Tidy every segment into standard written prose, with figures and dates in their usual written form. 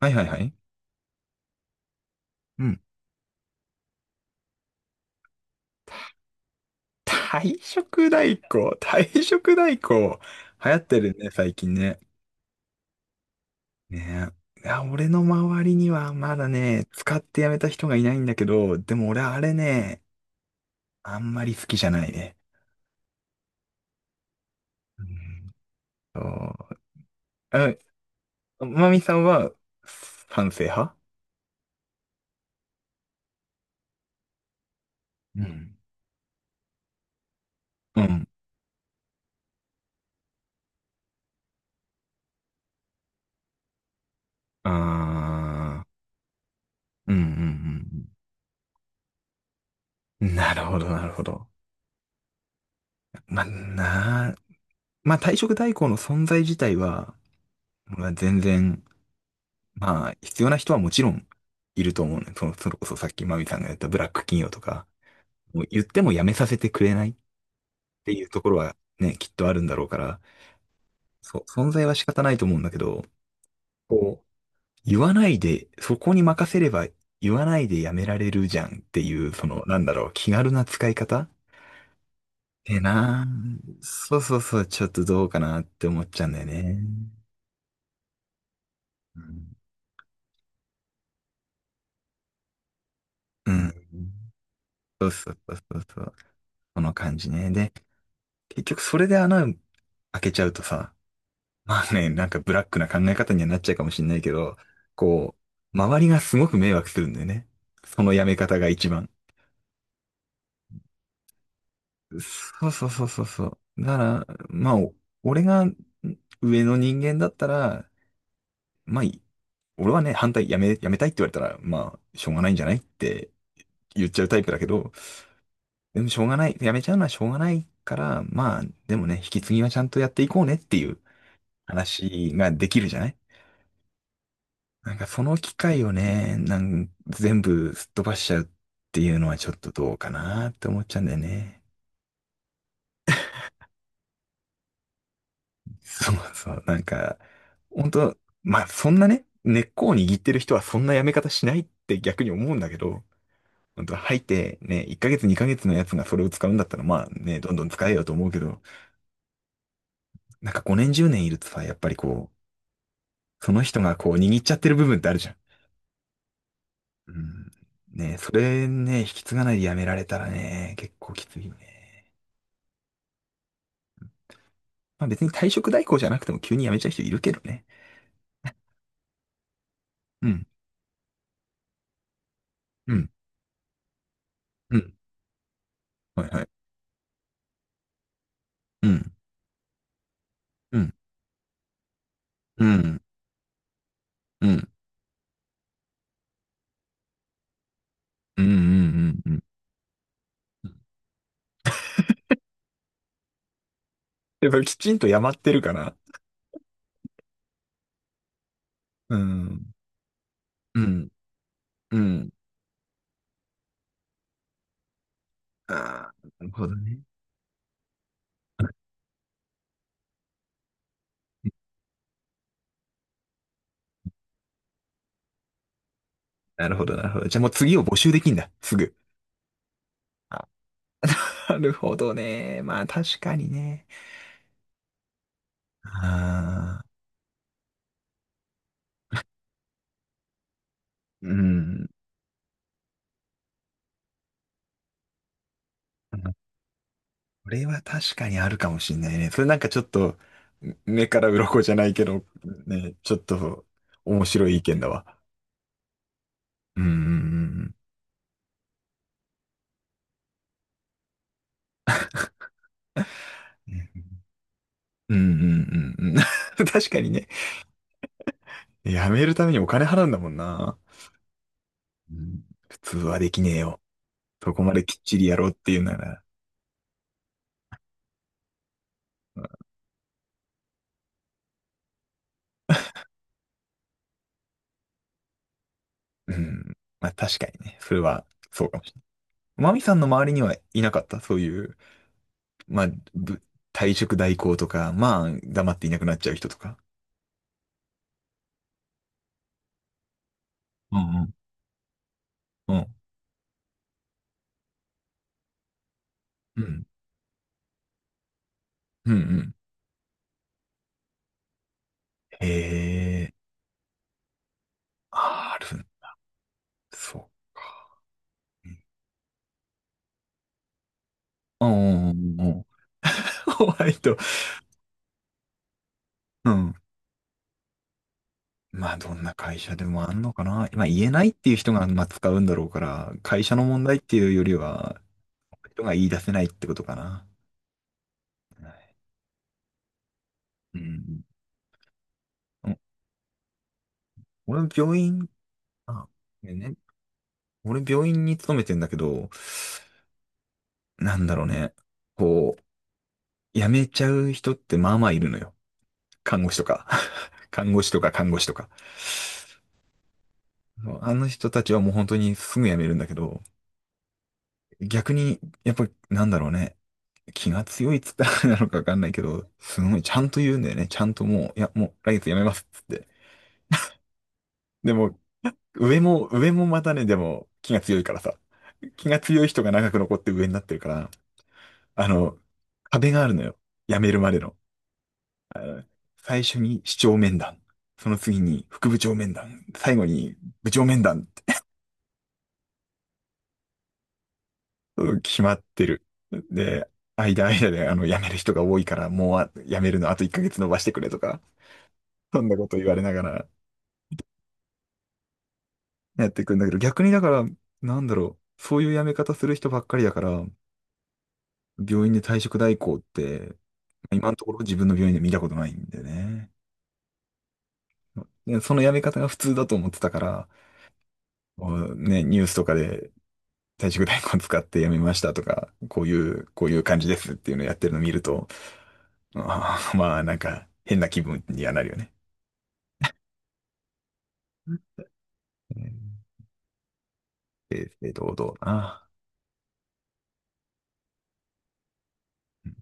はいはいはい。うん。退職代行、退職代行、流行ってるね、最近ね。ねえ。いや、俺の周りにはまだね、使ってやめた人がいないんだけど、でも俺あれね、あんまり好きじゃないね。うん。そう。まみさんは賛成派？うんうん。ああ、うんうんうんうん。なるほど、なるほど。まあ、なあ、まあ退職代行の存在自体は、俺は全然、まあ、必要な人はもちろんいると思うね。その、それこそさっきマミさんが言ったブラック企業とか、もう言ってもやめさせてくれないっていうところはね、きっとあるんだろうから、そう、存在は仕方ないと思うんだけど、こう、言わないで、そこに任せれば言わないでやめられるじゃんっていう、その、なんだろう、気軽な使い方ってな、そうそうそう、ちょっとどうかなって思っちゃうんだよね。うん。うん。そうそうそうそうそう。この感じね。で、結局それで穴開けちゃうとさ、まあね、なんかブラックな考え方にはなっちゃうかもしんないけど、こう、周りがすごく迷惑するんだよね。そのやめ方が一番。そうそうそうそうそう。だから、まあ、お俺がん上の人間だったら、まあ、い俺はね、反対、やめ、やめたいって言われたら、まあ、しょうがないんじゃないって言っちゃうタイプだけど、でもしょうがない、やめちゃうのはしょうがないから、まあ、でもね、引き継ぎはちゃんとやっていこうねっていう話ができるじゃない。なんかその機会をね、なん全部すっ飛ばしちゃうっていうのはちょっとどうかなって思っちゃうんだよね。そうそう、なんか、本当、まあそんなね、根っこを握ってる人はそんなやめ方しないって逆に思うんだけど、本当入ってね、1ヶ月2ヶ月のやつがそれを使うんだったらまあね、どんどん使えよと思うけど、なんか5年10年いるとさ、やっぱりこう、その人がこう握っちゃってる部分ってあるじゃん。うん。ね、それね、引き継がないでやめられたらね、結構きついね。まあ別に退職代行じゃなくても急に辞めちゃう人いるけどね。うん。うん。うん。はいはい。うん。うん。うん。うん。うん。うん。うん。うん。やっぱりきちんとやまってるから。うん。うん。うん。ああ、なるほどね。なるほど、なるほど。じゃあもう次を募集できんだ。すぐ。あ、なるほどね。まあ確かにね。ああ、うん。これは確かにあるかもしんないね。それなんかちょっと、め目から鱗じゃないけど、ね、ちょっと面白い意見だわ。うんうんうんうん。うんうんうんうん。確かにね。やめるためにお金払うんだもんな。うん。普通はできねえよ。そこまできっちりやろうっていうなら。うん。まあ確かにね。それはそうかもしれない。マミさんの周りにはいなかった？そういう、まあ、ぶ退職代行とか、まあ、黙っていなくなっちゃう人とか。うんうん。うん。うんうんうん。へえ、あーある、そう。うんうんうんうんうん。ホワイト。うん。まあ、どんな会社でもあんのかな。まあ、言えないっていう人が、まあ、使うんだろうから、会社の問題っていうよりは、人が言い出せないってことかな。はい。うん。うん。俺、病院、あ、ごめんね。俺、病院に勤めてんだけど、なんだろうね。こう、辞めちゃう人ってまあまあいるのよ。看護師とか。看護師とか看護師とか。あの人たちはもう本当にすぐ辞めるんだけど、逆に、やっぱりなんだろうね、気が強いっつったらあれ なのかわかんないけど、すごいちゃんと言うんだよね。ちゃんともう、いや、もう来月辞めますっつって。でも、上もまたね、でも気が強いからさ。気が強い人が長く残って上になってるから、あの、壁があるのよ。辞めるまでの。あの、最初に市長面談。その次に副部長面談。最後に部長面談。うん、決まってる。で、間間であの辞める人が多いから、もうあ辞めるのあと1ヶ月延ばしてくれとか、そんなこと言われながらやっていくんだけど、逆にだから、なんだろう、そういう辞め方する人ばっかりだから、病院で退職代行って、今のところ自分の病院で見たことないんでね。でその辞め方が普通だと思ってたから、こうね、ニュースとかで退職代行使って辞めましたとか、こういう感じですっていうのをやってるのを見ると、あー まあ、なんか、変な気分にはなるよね。うん、正々堂々な。うん。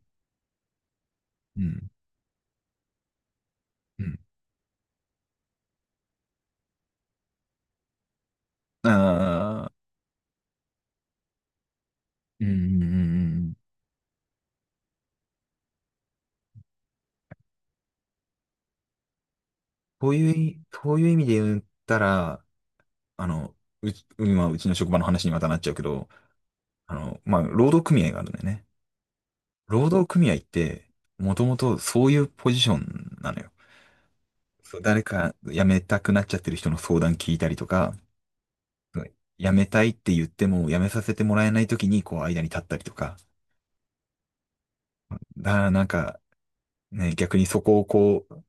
うん。うん。ああ、うん、うん、うん。うん。そういうい、そういう意味で言ったら、あの、うち、今、うちの職場の話にまたなっちゃうけど、あの、まあ、労働組合があるんだよね。労働組合って、もともとそういうポジションなのよ。そう、誰か辞めたくなっちゃってる人の相談聞いたりとか、そう辞めたいって言っても辞めさせてもらえない時にこう間に立ったりとか。だからなんかね、逆にそこをこう、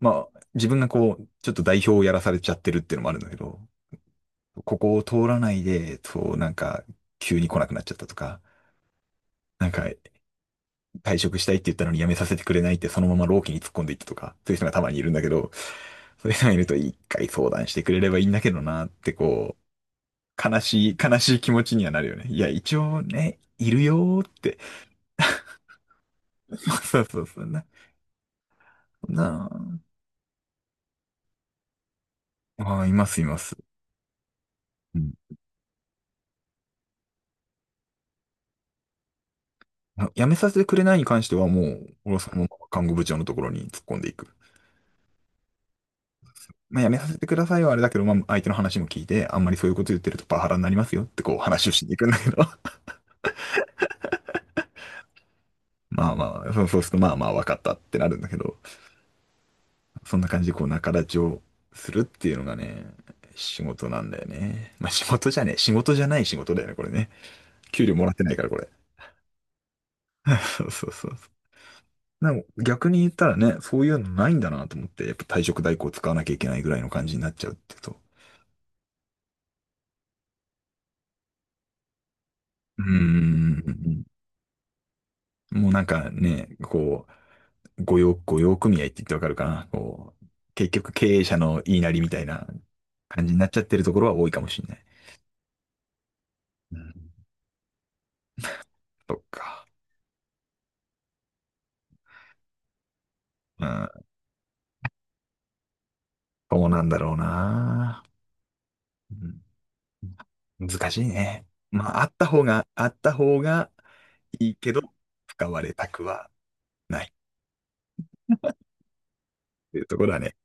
まあ自分がこう、ちょっと代表をやらされちゃってるっていうのもあるんだけど、ここを通らないで、そうなんか急に来なくなっちゃったとか、なんか退職したいって言ったのに辞めさせてくれないってそのまま老期に突っ込んでいったとか、そういう人がたまにいるんだけど、そういう人がいると一回相談してくれればいいんだけどなってこう、悲しい気持ちにはなるよね。いや、一応ね、いるよーって。そうそうそう。な、なあ、あー、います、います。うん。あ辞めさせてくれないに関してはもう、俺はそのまま看護部長のところに突っ込んでいく。まあ、辞めさせてくださいはあれだけど、まあ、相手の話も聞いて、あんまりそういうこと言ってるとパワハラになりますよってこう話をしに行くんだけど。まあまあ、そうそうすると、まあまあ、わかったってなるんだけど、そんな感じでこう仲立ちをするっていうのがね、仕事なんだよね。まあ仕事じゃねえ、仕事じゃない仕事だよね、これね。給料もらってないから、これ。そうそうそう。でも逆に言ったらね、そういうのないんだなと思って、やっぱ退職代行使わなきゃいけないぐらいの感じになっちゃうっていうと。うーん。もうなんかね、こう、御用組合って言ってわかるかな。こう、結局経営者の言いなりみたいな感じになっちゃってるところは多いかもしれない。うん。そっか。うん。そうなんだろうな。うん、難しいね。まあ、あった方がいいけど、使われたくはない。っていうところはね、